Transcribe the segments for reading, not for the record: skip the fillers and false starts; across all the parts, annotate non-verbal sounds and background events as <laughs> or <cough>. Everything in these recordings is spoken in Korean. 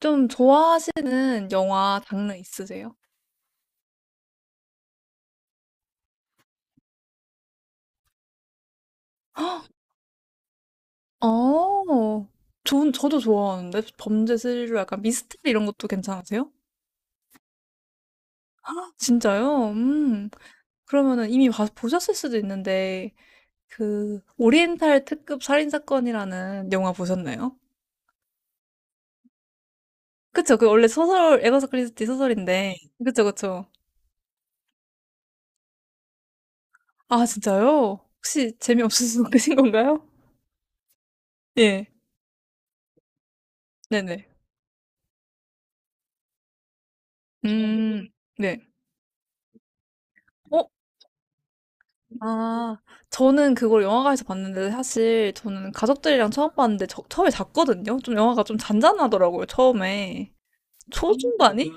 좀 좋아하시는 영화 장르 있으세요? 어. 전 저도 좋아하는데 범죄 스릴러 약간 미스터리 이런 것도 괜찮으세요? 아 진짜요? 음. 그러면은 이미 봐 보셨을 수도 있는데 그 오리엔탈 특급 살인 사건이라는 영화 보셨나요? 그쵸. 그 원래 소설 에버사 크리스티 소설인데 그쵸, 그쵸. 아 진짜요? 혹시 재미없으신 <laughs> 분이신 건가요? 예. 네네. 음. 네. 어? 아, 저는 그걸 영화관에서 봤는데 사실 저는 가족들이랑 처음 봤는데 처음에 잤거든요. 좀 영화가 좀 잔잔하더라고요, 처음에. 초중반이?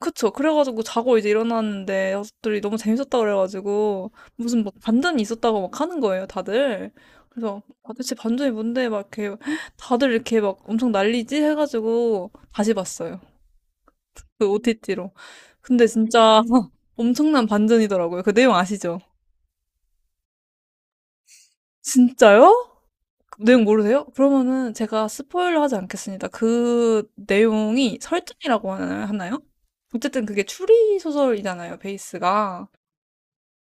그쵸. 그래가지고 자고 이제 일어났는데 가족들이 너무 재밌었다 그래가지고 무슨 막 반전이 있었다고 막 하는 거예요, 다들. 그래서 아, 대체 반전이 뭔데 막 이렇게 다들 이렇게 막 엄청 난리지 해가지고 다시 봤어요. 그 OTT로. 근데 진짜 <laughs> 엄청난 반전이더라고요. 그 내용 아시죠? 진짜요? 내용 모르세요? 그러면은 제가 스포일러 하지 않겠습니다. 그 내용이 설정이라고 하나요? 어쨌든 그게 추리 소설이잖아요, 베이스가.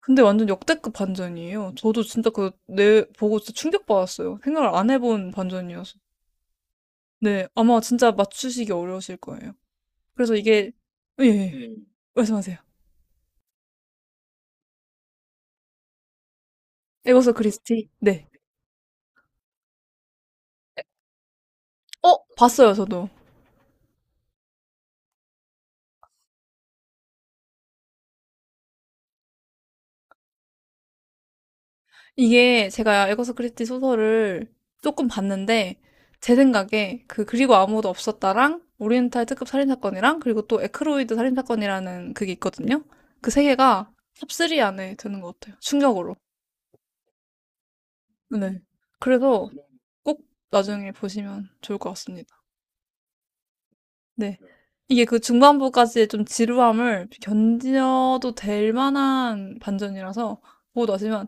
근데 완전 역대급 반전이에요. 저도 진짜 그, 내, 보고 진짜 충격받았어요. 생각을 안 해본 반전이어서. 네, 아마 진짜 맞추시기 어려우실 거예요. 그래서 이게, 예, 예. 음. 말씀하세요. 에거서 크리스티? 네. 어, 봤어요, 저도. 이게 제가 에거서 크리스티 소설을 조금 봤는데 제 생각에 그 그리고 아무도 없었다랑 오리엔탈 특급 살인사건이랑 그리고 또 에크로이드 살인사건이라는 그게 있거든요. 그 세 개가 탑3 안에 드는 것 같아요. 충격으로. 네. 그래서 꼭 나중에 보시면 좋을 것 같습니다. 네. 이게 그 중반부까지의 좀 지루함을 견뎌도 될 만한 반전이라서 보고 나시면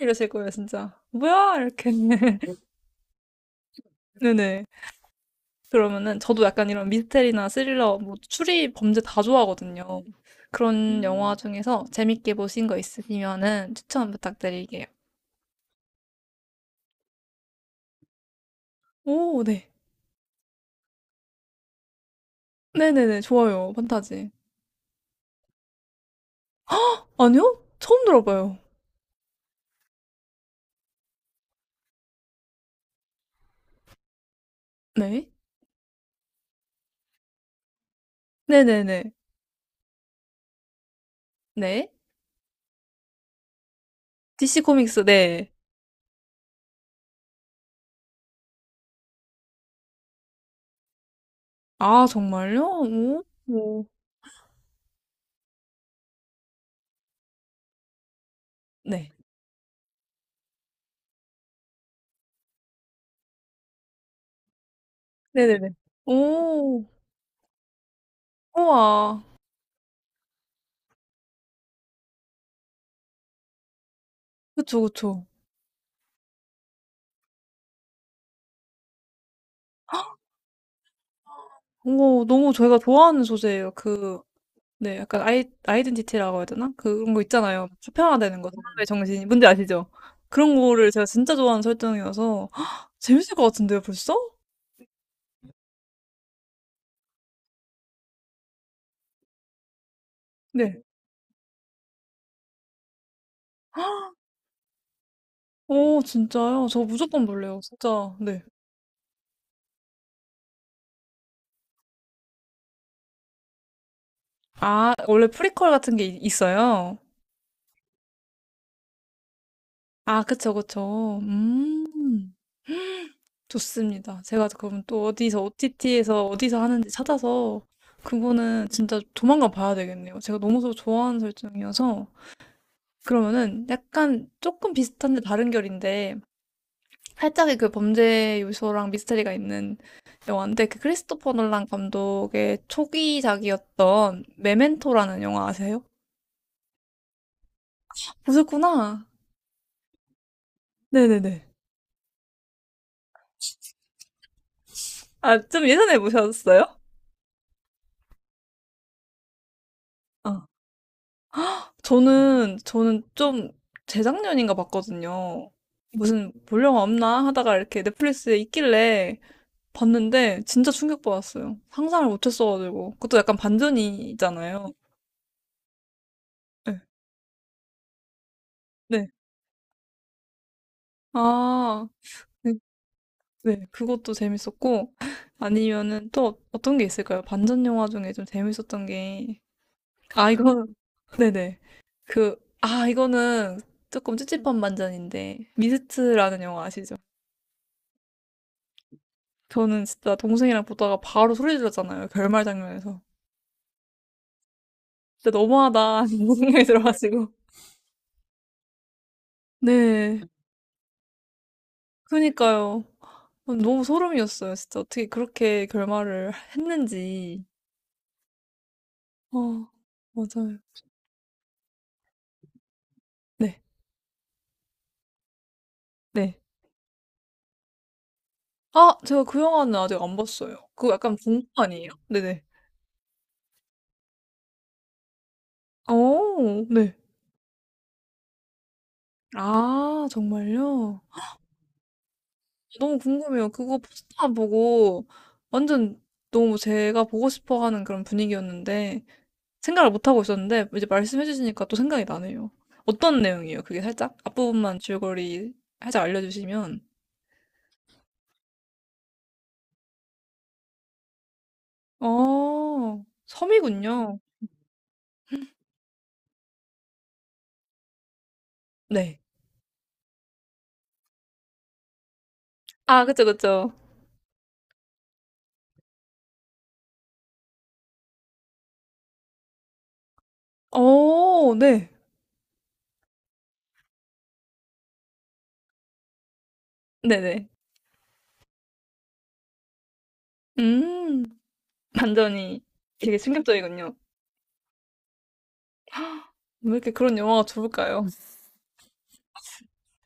이러실 거예요, 진짜. 뭐야? 이렇게. <laughs> 네네. 그러면은 저도 약간 이런 미스테리나 스릴러, 뭐 추리, 범죄 다 좋아하거든요. 그런 영화 중에서 재밌게 보신 거 있으시면은 추천 부탁드릴게요. 오, 네. 네네네, 좋아요. 판타지. 아니요? 처음 들어봐요. 네. 네네네. 네. DC 코믹스, 네. 아, 정말요? 오, 오. 네. 네네네. 오, 우와. 그쵸, 그쵸. 오, 너무 저희가 좋아하는 소재예요. 그, 네, 약간 아이, 아이덴티티라고 해야 되나? 그런 거 있잖아요. 수편화되는 거, 사람의 정신이. 뭔지 아시죠? 그런 거를 제가 진짜 좋아하는 설정이어서 <gasps> 헉, 재밌을 것 같은데요, 벌써? 네. 오, 진짜요? 저 무조건 볼래요, 진짜. 네. 아, 원래 프리퀄 같은 게 있어요? 아, 그쵸, 그쵸. 좋습니다. 제가 그러면 또 어디서, OTT에서 어디서 하는지 찾아서 그거는 진짜 조만간 봐야 되겠네요. 제가 너무 좋아하는 설정이어서. 그러면은 약간 조금 비슷한데 다른 결인데 살짝의 그 범죄 요소랑 미스터리가 있는 영화인데 그 크리스토퍼 놀란 감독의 초기작이었던 메멘토라는 영화 아세요? 보셨구나. 네네네. 아, 좀 예전에 보셨어요? 아, 저는 좀 재작년인가 봤거든요. 무슨 볼 영화 없나 하다가 이렇게 넷플릭스에 있길래 봤는데 진짜 충격받았어요. 상상을 못했어가지고. 그것도 약간 반전이잖아요. 네. 아. 네. 네. 그것도 재밌었고 <laughs> 아니면은 또 떤 게 있을까요? 반전 영화 중에 좀 재밌었던 게 아, 이거 <laughs> 네네. 그 아, 이거는 조금 찝찝한 반전인데 미스트라는 영화 아시죠? 저는 진짜 동생이랑 보다가 바로 소리 질렀잖아요. 결말 장면에서. 진짜 너무하다. <laughs> 이런 생각이 들어가지고. 네. 그니까요. 어, 너무 소름이었어요. 진짜 어떻게 그렇게 결말을 했는지. 어, 맞아요. 네. 네. 아 제가 그 영화는 아직 안 봤어요. 그거 약간 공포 아니에요? 네네. 어 네. 아 정말요? 너무 궁금해요. 그거 포스터만 보고 완전 너무 제가 보고 싶어 하는 그런 분위기였는데 생각을 못 하고 있었는데 이제 말씀해 주시니까 또 생각이 나네요. 어떤 내용이에요? 그게 살짝 앞부분만 줄거리 살짝 알려 주시면. 어 섬이군요. 네. 아 그쵸, 그쵸. 어 네. 네네. 음. 반전이 되게 충격적이군요. 왜 이렇게 그런 영화가 좋을까요?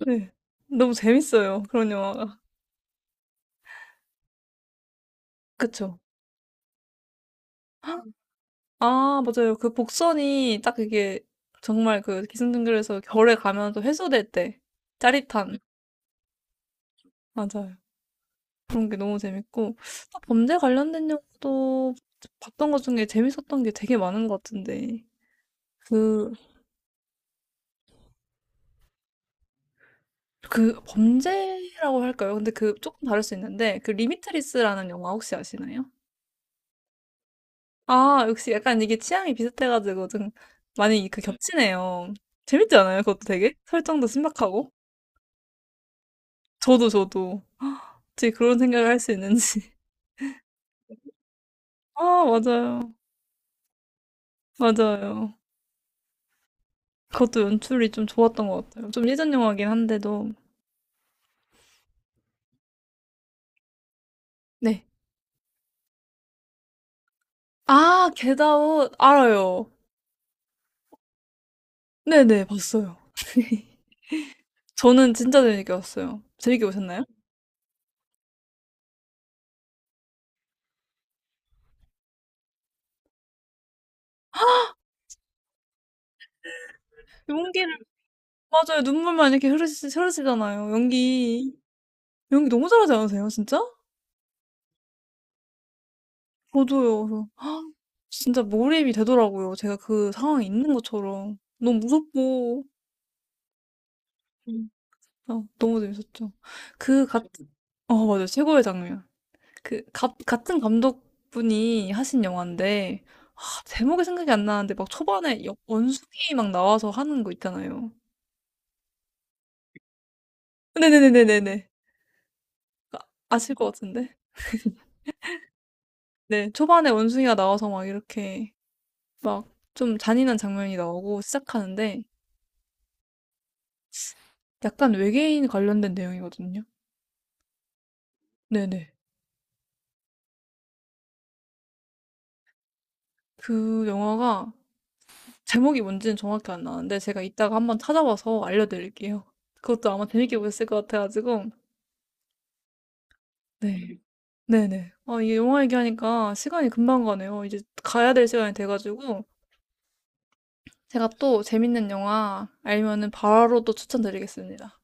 네. 너무 재밌어요. 그런 영화가. 그쵸. 아, 맞아요. 그 복선이 딱 이게 정말 그 기승전결에서 결에 가면 또 해소될 때 짜릿한. 맞아요. 그런 게 너무 재밌고. 딱 범죄 관련된 영화도 봤던 것 중에 재밌었던 게 되게 많은 것 같은데. 그, 그 범죄라고 할까요? 근데 그 조금 다를 수 있는데, 그 리미트리스라는 영화 혹시 아시나요? 아, 역시 약간 이게 취향이 비슷해가지고 좀 많이 그 겹치네요. 재밌지 않아요? 그것도 되게? 설정도 신박하고? 저도, 저도. 어떻게 그런 생각을 할 수 있는지. <laughs> 아, 맞아요. 맞아요. 그것도 연출이 좀 좋았던 것 같아요. 좀 예전 영화긴 한데도. 네. 아, 겟아웃 알아요. 네네, 봤어요. <laughs> 저는 진짜 재밌게 봤어요. 재밌게 보셨나요? 연기를, 맞아요. 눈물만 이렇게 흐르시, 흐르시잖아요. 연기. 연기 너무 잘하지 않으세요, 진짜? 저도요. 그래서 <gasps> 진짜 몰입이 되더라고요. 제가 그 상황에 있는 것처럼. 너무 무섭고. 음. 어, 너무 재밌었죠. 그같은어 맞아요. 최고의 장면. 그 같은 감독분이 하신 영화인데 아 제목이 생각이 안 나는데 막 초반에 여 원숭이 막 나와서 하는 거 있잖아요. 네네네네네네. 아실 것 같은데. 네. 초반에 원숭이가 나와서 막 이렇게 막 좀 잔인한 장면이 나오고 시작하는데 약간 외계인 관련된 내용이거든요. 네네. 그 영화가 제목이 뭔지는 정확히 안 나는데 제가 이따가 한번 찾아봐서 알려드릴게요. 그것도 아마 재밌게 보셨을 것 같아가지고. 네. 네네. 아, 이게 영화 얘기하니까 시간이 금방 가네요. 이제 가야 될 시간이 돼가지고 제가 또 재밌는 영화 알면은 바로 또 추천드리겠습니다.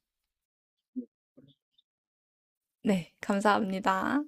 네, 감사합니다.